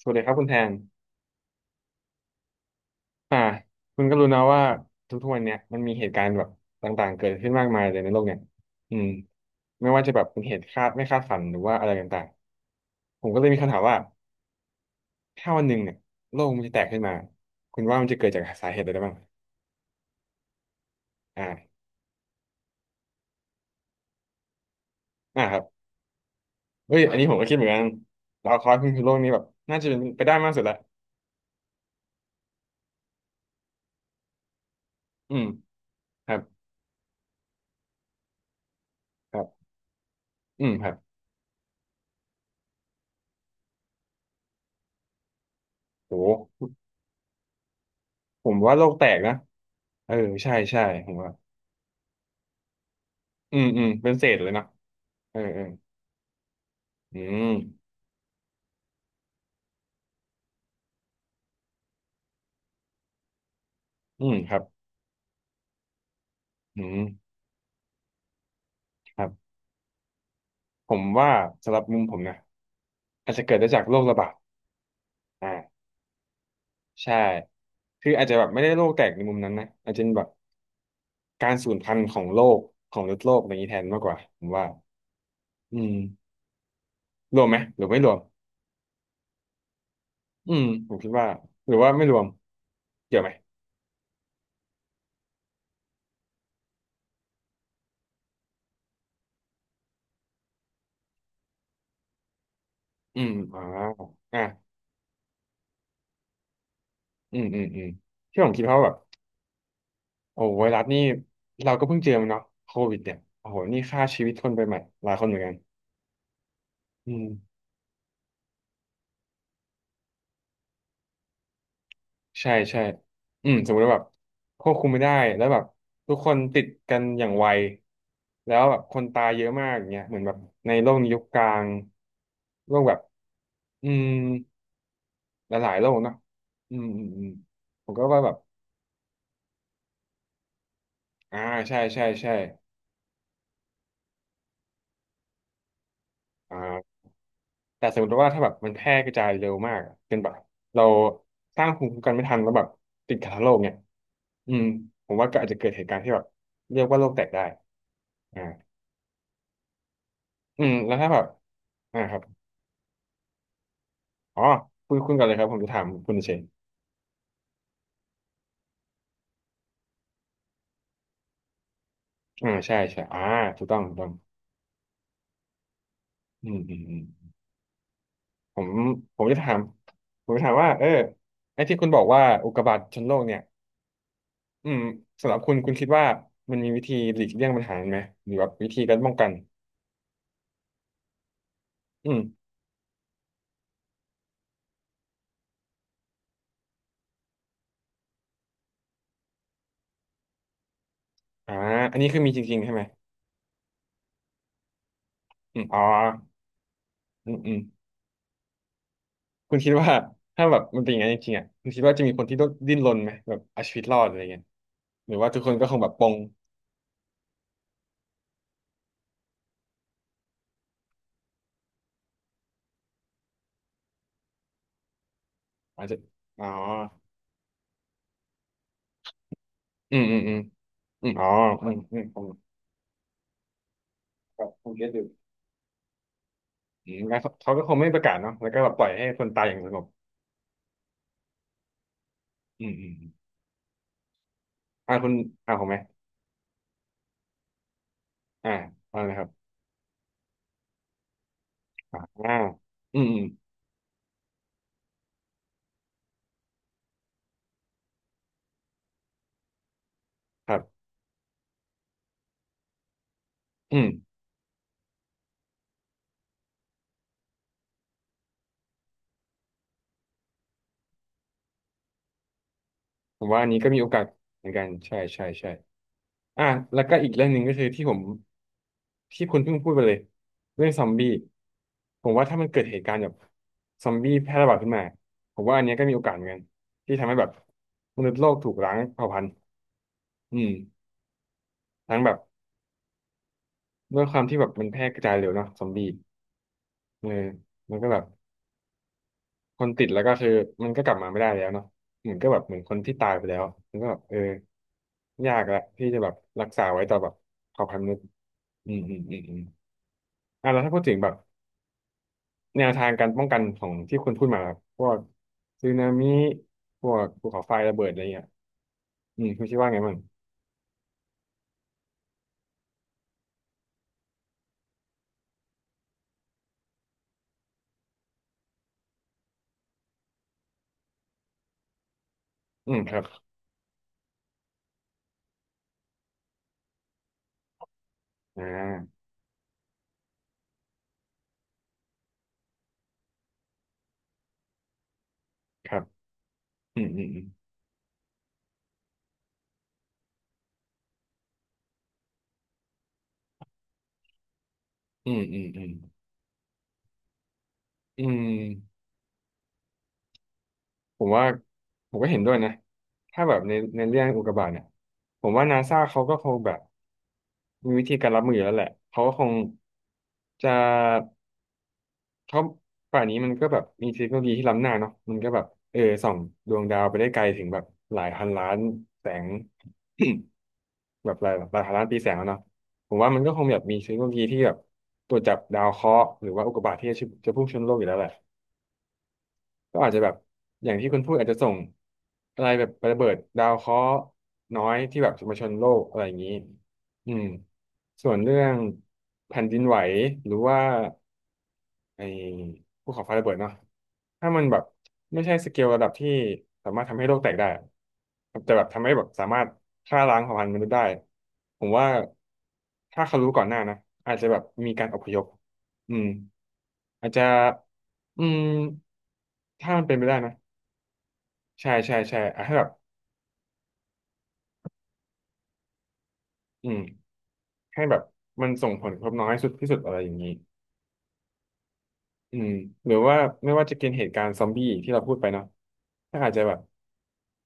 สวัสดีครับคุณแทนอ่าคุณก็รู้นะว่าทุกๆวันเนี่ยมันมีเหตุการณ์แบบต่างๆเกิดขึ้นมากมายเลยในโลกเนี่ยอืมไม่ว่าจะแบบเป็นเหตุคาดไม่คาดฝันหรือว่าอะไรต่างๆผมก็เลยมีคำถามว่าถ้าวันหนึ่งเนี่ยโลกมันจะแตกขึ้นมาคุณว่ามันจะเกิดจากสาเหตุอะไรได้บ้างอ่าอ่าครับเฮ้ยอันนี้ผมก็คิดเหมือนกันดาวเคราะห์คือโลกนี้แบบน่าจะเป็นไปได้มากสุดละอืมครับครับอืมครับโหผมว่าโลกแตกนะเออใช่ใช่ผมว่าอืมอืมเป็นเศษเลยเนาะเออเอออืม อืมครับอืมครับผมว่าสำหรับมุมผมนะอาจจะเกิดได้จากโรคระบาดอ่าใช่คืออาจจะแบบไม่ได้โรคแตกในมุมนั้นนะอาจจะเป็นแบบการสูญพันธุ์ของโลกของฤดโลกอะไรอย่างนี้แทนมากกว่าผมว่าอืมรวมไหมหรือไม่รวมอืมผมคิดว่าหรือว่าไม่รวมเกี่ยวไหมอืมอ่ะอืมอืมอืมที่ผมคิดเพราะว่าแบบโอ้ไวรัสนี่เราก็เพิ่งเจอมันเนาะโควิดเนี่ยโอ้โหนี่ฆ่าชีวิตคนไปใหม่หลายคนเหมือนกันอืม ใช่ใช่อืมสมมติว่าแบบควบคุมไม่ได้แล้วแบบทุกคนติดกันอย่างไวแล้วแบบคนตายเยอะมากอย่างเงี้ยเหมือนแบบในโลกยุคกลางโลกแบบอืมหลายๆโลกเนาะอืมอืมอืมผมก็ว่าแบบอ่าใช่ใช่ใช่อ่าแต่สมมติว่าถ้าแบบมันแพร่กระจายเร็วมากอะเป็นแบบเราสร้างภูมิคุ้มกันไม่ทันแล้วแบบติดกันทั้งโลกเนี่ยอืมผมว่าก็อาจจะเกิดเหตุการณ์ที่แบบเรียกว่าโลกแตกได้อ่าอืมแล้วถ้าแบบอ่าครับ อ๋อคุณคุณก่อนเลยครับผมจะถามคุณเฉยอ่าใช่ใช่ถูกต้องถูกต้องอืมอืมอืมผมผมจะถามผมจะถามว่าเออไอ้ที่คุณบอกว่าอุกกาบาตชนโลกเนี่ยอืมสำหรับคุณคุณคิดว่ามันมีวิธีหลีกเลี่ยงปัญหาไหมหรือว่าวิธีการป้องกันอืมอ่าอันนี้คือมีจริงๆใช่ไหมอืมอ๋ออืมอืมคุณคิดว่าถ้าแบบมันเป็นอย่างนั้นจริงๆอ่ะคุณคิดว่าจะมีคนที่ต้องดิ้นรนไหมแบบเอาชีวิตรอดอะไรเงี้ยหรือว่าทุกคนก็คงแบบปลงอาจจะอ๋ออืมอืมอืม อืมอ๋ออืมอืมผมผมเก็ตอยู่อืมงั้นเขาเขาก็คงไม่ประกาศเนาะแล้วก็แบบปล่อยให้คนตายอย่างสงบอืมอืมอมอ่าคุณอ่าผมไหมอ่าว่าเลยครับอ่าอ่าอืมอืมครับอืมผมว่าอันนี้ก็มีโอกาสเหมือนกันใช่ใช่ใช่อ่าแล้วก็อีกเรื่องหนึ่งก็คือที่ผมที่คุณเพิ่งพูดไปเลยเรื่องซอมบี้ผมว่าถ้ามันเกิดเหตุการณ์แบบซอมบี้แพร่ระบาดขึ้นมาผมว่าอันเนี้ยก็มีโอกาสเหมือนกันที่ทำให้แบบมนุษย์โลกถูกล้างเผ่าพันธุ์อืมทั้งแบบ ด้วยความที่แบบมันแพร่กระจายเร็วเนาะซอมบี้เออมันก็แบบคนติดแล้วก็คือมันก็กลับมาไม่ได้แล้วเนาะเหมือนก็แบบเหมือนคนที่ตายไปแล้วมันก็แบบเออยากละที่จะแบบรักษาไว้ต่อแบบเผ่าพันธุ์มนุษย์อืมอืมอืมอืมอ่ะแล้วถ้าพูดถึงแบบแนวทางการป้องกันของที่คุณพูดมาครับพวกสึนามิพวกภูเขาไฟระเบิดอะไรเงี้ยอืมคุณคิดว่าไงบ้างอืมครับอ่าครับอืมอืมอืมอืมอืมอืมอืม ผมว่าผมก็เห็นด้วยนะถ้าแบบในในเรื่องอุกกาบาตเนี่ยผมว่านาซาเขาก็คงแบบมีวิธีการรับมืออยู่แล้วแหละเขาก็คงจะเขาป่านนี้มันก็แบบมีเทคโนโลยีที่ล้ำหน้าเนาะมันก็แบบเออส่องดวงดาวไปได้ไกลถึงแบบหลายพันล้านแสง แบบหลายพันล้านปีแสงแล้วเนาะผมว่ามันก็คงแบบมีเทคโนโลยีที่แบบตรวจจับดาวเคราะห์หรือว่าอุกกาบาตที่จะจะพุ่งชนโลกอยู่แล้วแหละ ก็อาจจะแบบอย่างที่คุณพูดอาจจะส่งอะไรแบบระเบิดดาวเคราะห์น้อยที่แบบจะมาชนโลกอะไรอย่างนี้อืมส่วนเรื่องแผ่นดินไหวหรือว่าไอ้ภูเขาไฟระเบิดเนาะถ้ามันแบบไม่ใช่สเกลระดับที่สามารถทำให้โลกแตกได้อะแต่แบบทำให้แบบสามารถฆ่าล้างเผ่าพันธุ์มนุษย์ได้ผมว่าถ้าเขารู้ก่อนหน้านะอาจจะแบบมีการอพยพอืมอาจจะอืมถ้ามันเป็นไปได้นะ ใช่ใช่ใช่อ่ะให้แบบอืมให้แบบมันส่งผลกระทบน้อยสุดที่สุดอะไรอย่างนี้อืมหรือว่าไม่ว่าจะเกิดเหตุการณ์ซอมบี้ที่เราพูดไปเนาะถ้าอาจจะแบบ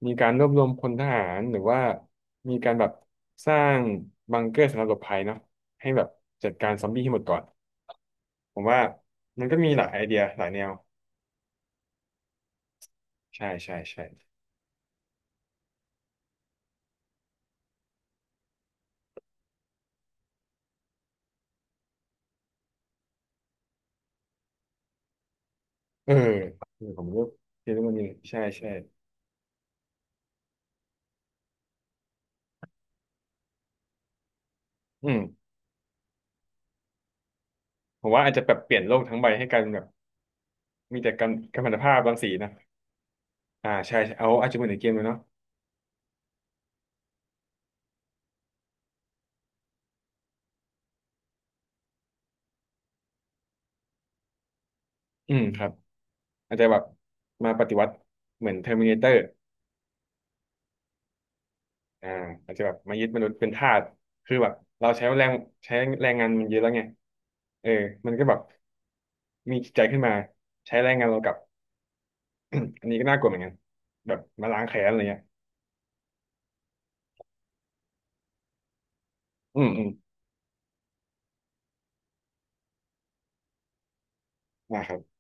มีการรวบรวมพลทหารหรือว่ามีการแบบสร้างบังเกอร์สำหรับหลบภัยเนาะให้แบบจัดการซอมบี้ให้หมดก่อนผมว่ามันก็มีหลายไอเดียหลายแนว ใช่ใช่ใช่เออเออผมก็คิดว่ามันมีใช่ใช่อืมผมว่าอาจจะแบบเปลี่ยนโลกทั้งใบให้กลายเป็นแบบมีแต่กัมมันตภาพรังสีนะ อ่าใช่ใช่เอาอาจจะเหมือนในเกมเลยเนาะอืมครับอาจจะแบบมาปฏิวัติเหมือนเทอร์มินาเตอร์อ่าอาจจะแบบมายึดมนุษย์เป็นทาสคือแบบเราใช้แรงใช้แรงงานมันเยอะแล้วไงเออมันก็แบบมีจิตใจขึ้นมาใช้แรงงานเรากลับ อันนี้ก็น่ากลัวเหมือนกันแบบมาล้างแค้นอะไรเงี้ยอืมอืมนะครับ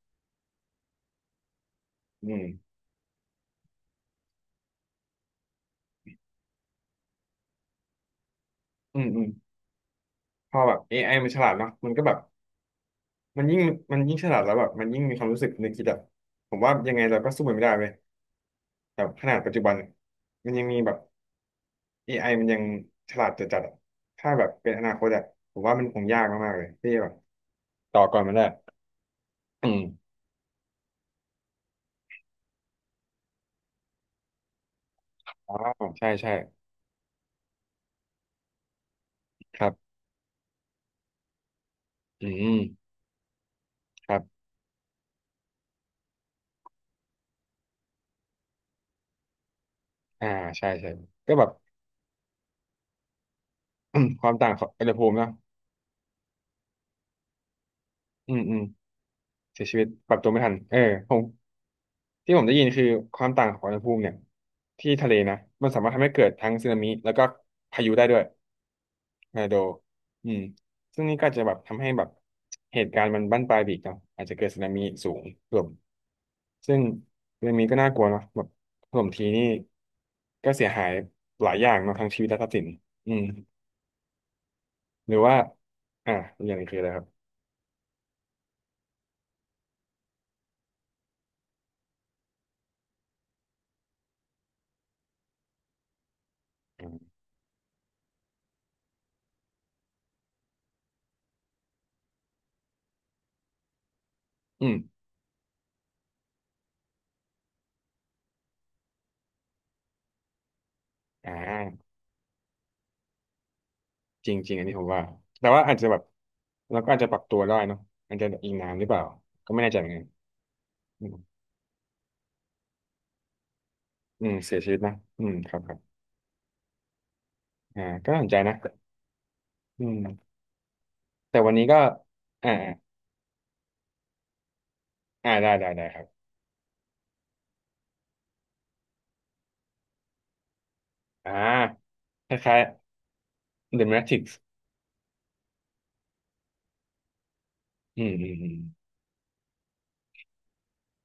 อืมอืมอืมพอแบบ AI มันฉลาดเนาะมันก็แบบมันยิ่งมันยิ่งฉลาดแล้วแบบมันยิ่งมีความรู้สึกนึกคิดแบบผมว่ายังไงเราก็สู้มันไม่ได้เลยแบบขนาดปัจจุบันมันยังมีแบบ AI มันยังฉลาดจัดอะถ้าแบบเป็นอนาคตอะผมว่ามันคงยากมากๆเลยที่แบบต่อก่อนมันได้อืมอ๋อใช่ใช่ครับ อืมครับ อ่า ใช่ใช่ก็แบบ ความต่างของอุณหภูมิเนอะอืมอืมเสียชีวิตปรับตัวไม่ทันเออผม ที่ผมได้ยินคือความต่างของอุณหภูมิเนี่ยที่ทะเลนะมันสามารถทำให้เกิดทั้งสึนามิแล้วก็พายุได้ด้วยทอร์นาโดอืมซึ่งนี่ก็จะแบบทำให้แบบเหตุการณ์มันบั้นปลายไปอีกเนาะอาจจะเกิดสึนามิสูงถล่มซึ่งสึนามิก็น่ากลัวเนาะแบบถล่มทีนี่ก็เสียหายหลายอย่างเนาะทั้งชีวิตและทรัพย์สินอืมหรือว่าอ่าอกอย่างหนึงคืออะไรครับอืมอ่า จริงจริงอันนี้ผมว่า แต่ว่าอาจจะแบบเราก็อาจจะปรับตัวได้เนอะอาจจะอิงน้ำหรือเปล่าก็ไม่แน่ใจเหมือนกันอืมอืมเสียชีวิตนะอืมครับครับอ่าก็น่าสนใจนะอืมแต่วันนี้ก็อ่าอ่าได้ได้ได้ครับอ่าคล้ายๆ The Matrix อืมอืมอืม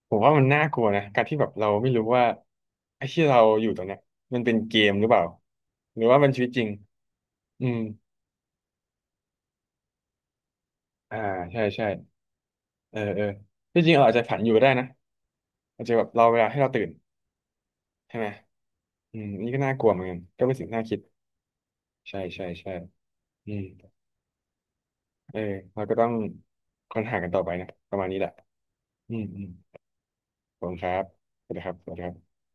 ผมว่ามันน่ากลัวนะการที่แบบเราไม่รู้ว่าไอ้ที่เราอยู่ตรงเนี้ยมันเป็นเกมหรือเปล่าหรือว่ามันชีวิตจริงอืมอ่าใช่ใช่ เออเออที่จริงเราอาจจะฝันอยู่ก็ได้นะอาจจะแบบเราเวลาให้เราตื่นใช่ไหมอืมอันนี่ก็น่ากลัวเหมือนกันก็เป็นสิ่งที่น่าคิดใช่ใช่ใช่อืมเออเราก็ต้องค้นหากันต่อไปนะประมาณนี้แหละอืมอืมขอบคุณครับสวัสดีครับสวัสดีครับ